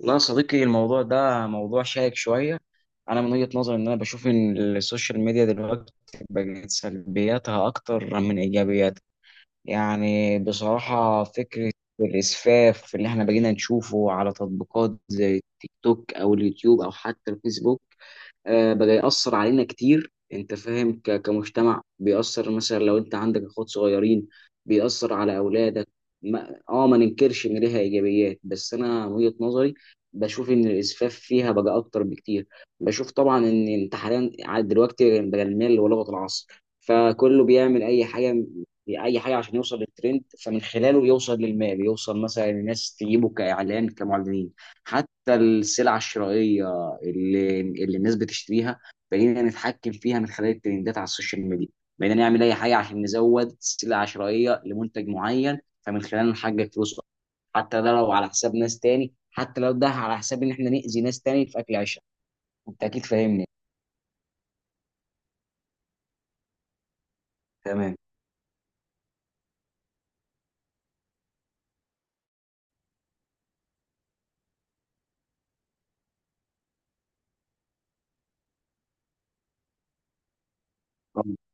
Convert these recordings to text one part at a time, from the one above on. والله يا صديقي، الموضوع ده موضوع شائك شوية. أنا من وجهة نظري إن أنا بشوف إن السوشيال ميديا دلوقتي بقت سلبياتها أكتر من إيجابياتها. بصراحة فكرة الإسفاف اللي إحنا بقينا نشوفه على تطبيقات زي التيك توك أو اليوتيوب أو حتى الفيسبوك، بقى يأثر علينا كتير. انت فاهم، كمجتمع بيأثر، مثلا لو انت عندك اخوات صغيرين بيأثر على اولادك. ما ننكرش ان ليها ايجابيات، بس انا من وجهة نظري بشوف ان الاسفاف فيها بقى اكتر بكتير. بشوف طبعا ان انت حاليا عاد دلوقتي بقى المال ولغة العصر، فكله بيعمل اي حاجة، اي حاجة عشان يوصل للترند، فمن خلاله يوصل للمال، يوصل مثلا الناس تجيبه كاعلان كمعلنين. حتى السلع الشرائية اللي الناس بتشتريها بقينا نتحكم فيها من خلال الترندات على السوشيال ميديا. بقينا نعمل اي حاجه عشان نزود سلة عشوائيه لمنتج معين فمن خلاله نحقق فلوس، حتى ده لو على حساب ناس تاني، حتى لو ده على حساب ان احنا نأذي ناس تاني في اكل عيشها. انت اكيد فاهمني. تمام. اه.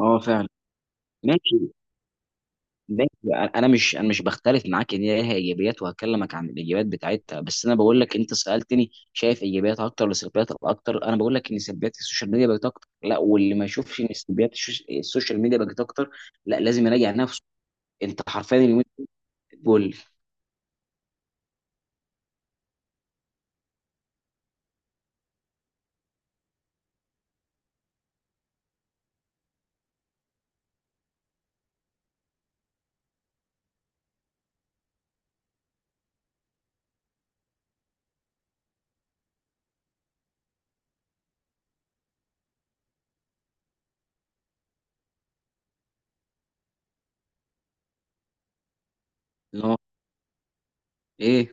فعلا. ماشي. ماشي، انا مش بختلف معاك ان هي ليها ايجابيات، وهكلمك عن الايجابيات بتاعتها، بس انا بقول لك، انت سالتني شايف ايجابيات اكتر ولا سلبيات اكتر، انا بقول لك ان سلبيات السوشيال ميديا بقت اكتر. لا، واللي ما يشوفش ان سلبيات السوشيال ميديا بقت اكتر لا لازم يراجع نفسه. انت حرفيا اليومين دول اللي هو ايه.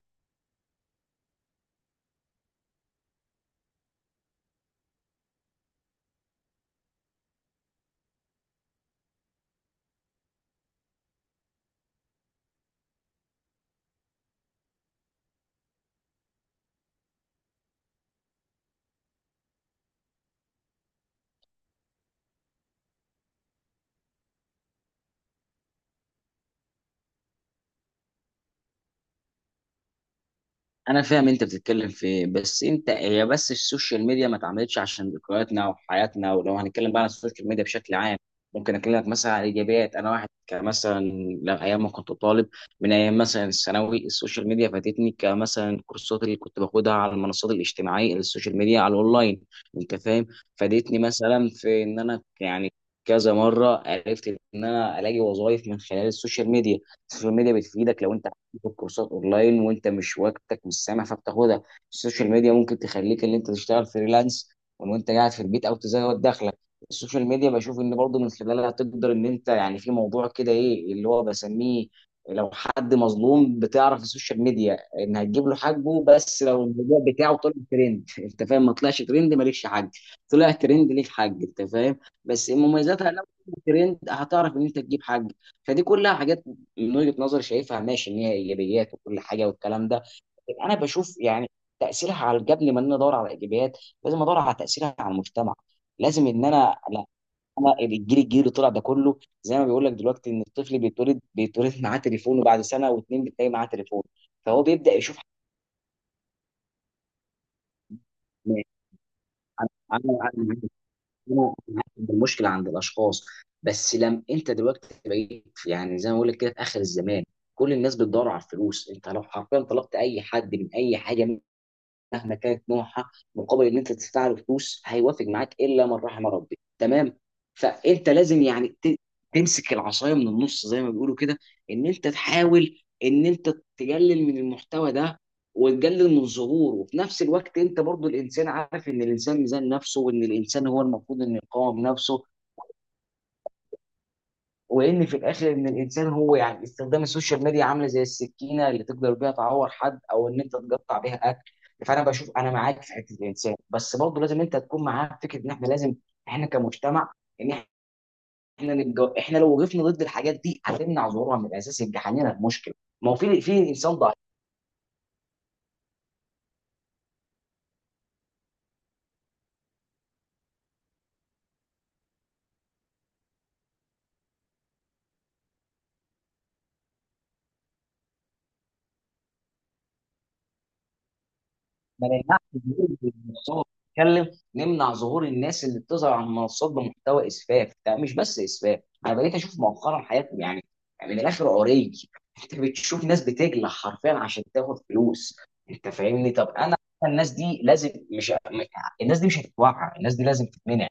انا فاهم انت بتتكلم في ايه، بس انت هي بس السوشيال ميديا ما اتعملتش عشان ذكرياتنا وحياتنا. ولو هنتكلم بقى عن السوشيال ميديا بشكل عام، ممكن اكلمك مثلا عن الايجابيات. انا واحد كمثلا لو ايام ما كنت طالب، من ايام مثلا الثانوي، السوشيال ميديا فاتتني كمثلا الكورسات اللي كنت باخدها على المنصات الاجتماعيه، السوشيال ميديا على الاونلاين، انت فاهم. فادتني مثلا في ان انا، كذا مره عرفت ان انا الاقي وظائف من خلال السوشيال ميديا. السوشيال ميديا بتفيدك لو انت تاخد كورسات اونلاين وانت مش وقتك مش سامح فبتاخدها. السوشيال ميديا ممكن تخليك ان انت تشتغل فريلانس وانت قاعد في البيت او تزود دخلك. السوشيال ميديا بشوف ان برضه من خلالها تقدر ان انت، يعني في موضوع كده ايه اللي هو بسميه، لو حد مظلوم بتعرف السوشيال ميديا ان هتجيب له حقه، بس لو الموضوع بتاعه طلع ترند انت فاهم، ما طلعش ترند مالكش حق، طلع ترند ليك حق، انت فاهم. بس مميزاتها لو طلع ترند هتعرف ان انت تجيب حق. فدي كلها حاجات من وجهة نظري شايفها ماشي ان هي ايجابيات وكل حاجه والكلام ده. انا بشوف تاثيرها على، قبل ما انا ادور على الايجابيات لازم ادور على تاثيرها على المجتمع. لازم ان انا لا، الجيل، اللي طلع ده كله زي ما بيقول لك دلوقتي، ان الطفل بيتولد، بيتولد معاه تليفون، وبعد سنه واتنين بتلاقي معاه تليفون، فهو بيبدا يشوف حاجات. انا انا أنا معاك. أنا معاك إن المشكله عند الاشخاص، بس لم انت دلوقتي بقيت، زي ما بقول لك كده، في اخر الزمان كل الناس بتدور على الفلوس. انت لو حرفيا طلبت اي حد من اي حاجه مهما كانت نوعها مقابل ان انت تدفع له فلوس هيوافق معاك، الا من رحم ربي. تمام. فانت لازم تمسك العصايه من النص زي ما بيقولوا كده، ان انت تحاول ان انت تقلل من المحتوى ده، وتقلل من ظهوره. وفي نفس الوقت انت برضو الانسان، عارف ان الانسان ميزان نفسه، وان الانسان هو المفروض انه يقاوم نفسه، وان في الاخر ان الانسان هو، يعني استخدام السوشيال ميديا عامله زي السكينه، اللي تقدر بيها تعور حد او ان انت تقطع بيها اكل. فانا بشوف، انا معاك في حته الانسان، بس برضه لازم انت تكون معاك في فكره ان احنا لازم، احنا كمجتمع، ان احنا احنا لو وقفنا ضد الحاجات دي هتمنع ظهورها من الاساس، يبقى حلينا المشكله. ما هو في انسان ضعيف. ما نمنعش ظهور المنصات بتتكلم، نمنع ظهور الناس اللي بتظهر على المنصات بمحتوى اسفاف. ده مش بس اسفاف، انا بقيت اشوف مؤخرا حياتي، يعني يعني من الاخر عري، انت بتشوف ناس بتجلع حرفيا عشان تاخد فلوس. انت فاهمني؟ طب انا الناس دي لازم مش، الناس دي مش هتتوعى، الناس دي لازم تتمنع.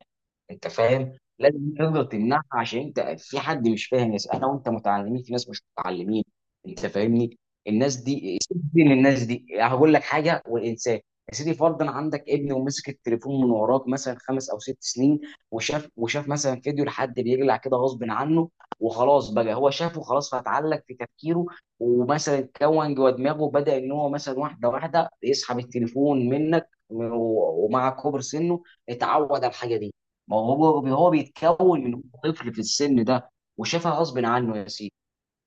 انت فاهم؟ لازم انت تقدر تمنعها، عشان انت في حد مش فاهم، ناس انا وانت متعلمين في ناس مش متعلمين، انت فاهمني. الناس دي سيبني من الناس دي، هقول لك حاجه. والانسان يا سيدي فرضا عندك ابن ومسك التليفون من وراك مثلا خمس او ست سنين، وشاف، مثلا فيديو لحد بيجلع كده غصب عنه، وخلاص بقى هو شافه خلاص فاتعلق في تفكيره، ومثلا كون جوه دماغه، وبدا ان هو مثلا واحده واحده يسحب التليفون منك ومع كبر سنه اتعود على الحاجه دي. ما هو هو بيتكون من هو طفل في السن ده، وشافها غصب عنه، يا سيدي.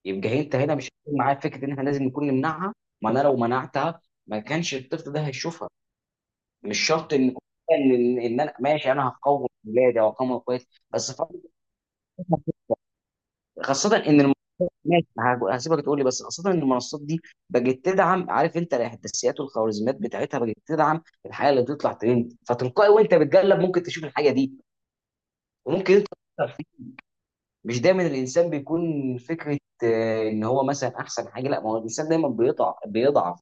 يبقى انت هنا مش هتكون معايا في فكره ان احنا لازم نكون نمنعها؟ ما انا لو منعتها ما كانش الطفل ده هيشوفها. مش شرط ان إن انا ماشي انا هقوم ولادي او هقوم اخواتي، بس فعلا خاصه ان ماشي، هسيبك تقول لي، بس خاصه ان المنصات دي بقت تدعم، عارف انت الاحداثيات والخوارزميات بتاعتها بقت تدعم الحاجه اللي بتطلع ترند، فتلقائي وانت بتقلب ممكن تشوف الحاجه دي، وممكن انت مش دايما الانسان بيكون فكره، ان هو مثلا احسن حاجه. لا، ما هو الانسان دايما بيضعف،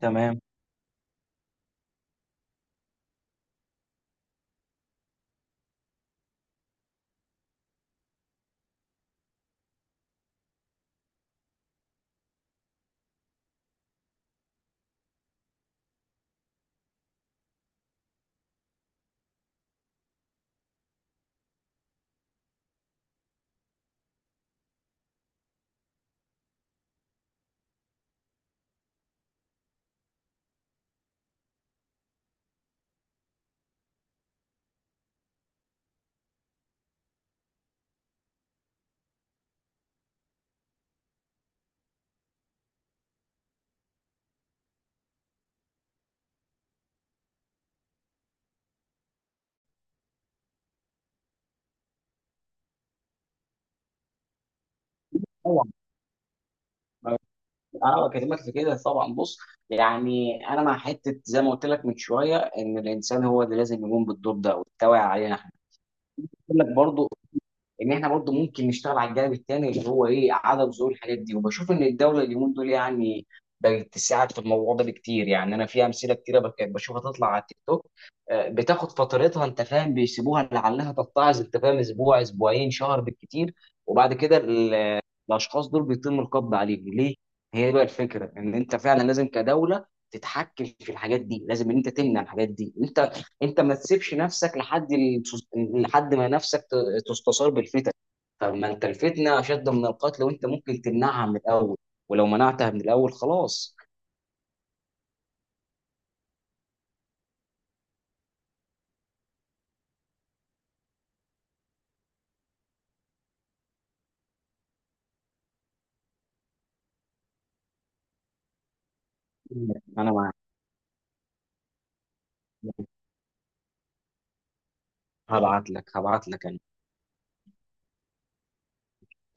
تمام. طبعا، انا بكلمك في كده طبعا. بص، يعني انا مع حته زي ما قلت لك من شويه ان الانسان هو اللي لازم يقوم بالدور ده والتوعية علينا احنا. بقول لك برضو ان احنا برضو ممكن نشتغل على الجانب التاني اللي هو ايه، عدم ظهور الحاجات دي. وبشوف ان الدوله اليومين دول يعني بقت تساعد في الموضوع ده بكتير. يعني انا في امثله كتيره بشوفها تطلع على التيك توك، بتاخد فترتها، انت فاهم، بيسيبوها لعلها تتعظ، انت فاهم، اسبوع، اسبوعين، شهر بالكتير، وبعد كده الاشخاص دول بيتم القبض عليهم. ليه؟ هي بقى الفكره ان انت فعلا لازم كدوله تتحكم في الحاجات دي، لازم ان انت تمنع الحاجات دي. انت انت ما تسيبش نفسك لحد لحد ما نفسك تستثار بالفتن. طب ما انت الفتنه اشد من القتل، وانت ممكن تمنعها من الاول، ولو منعتها من الاول خلاص. انا معاك. هبعت لك انا.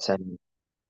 سلام.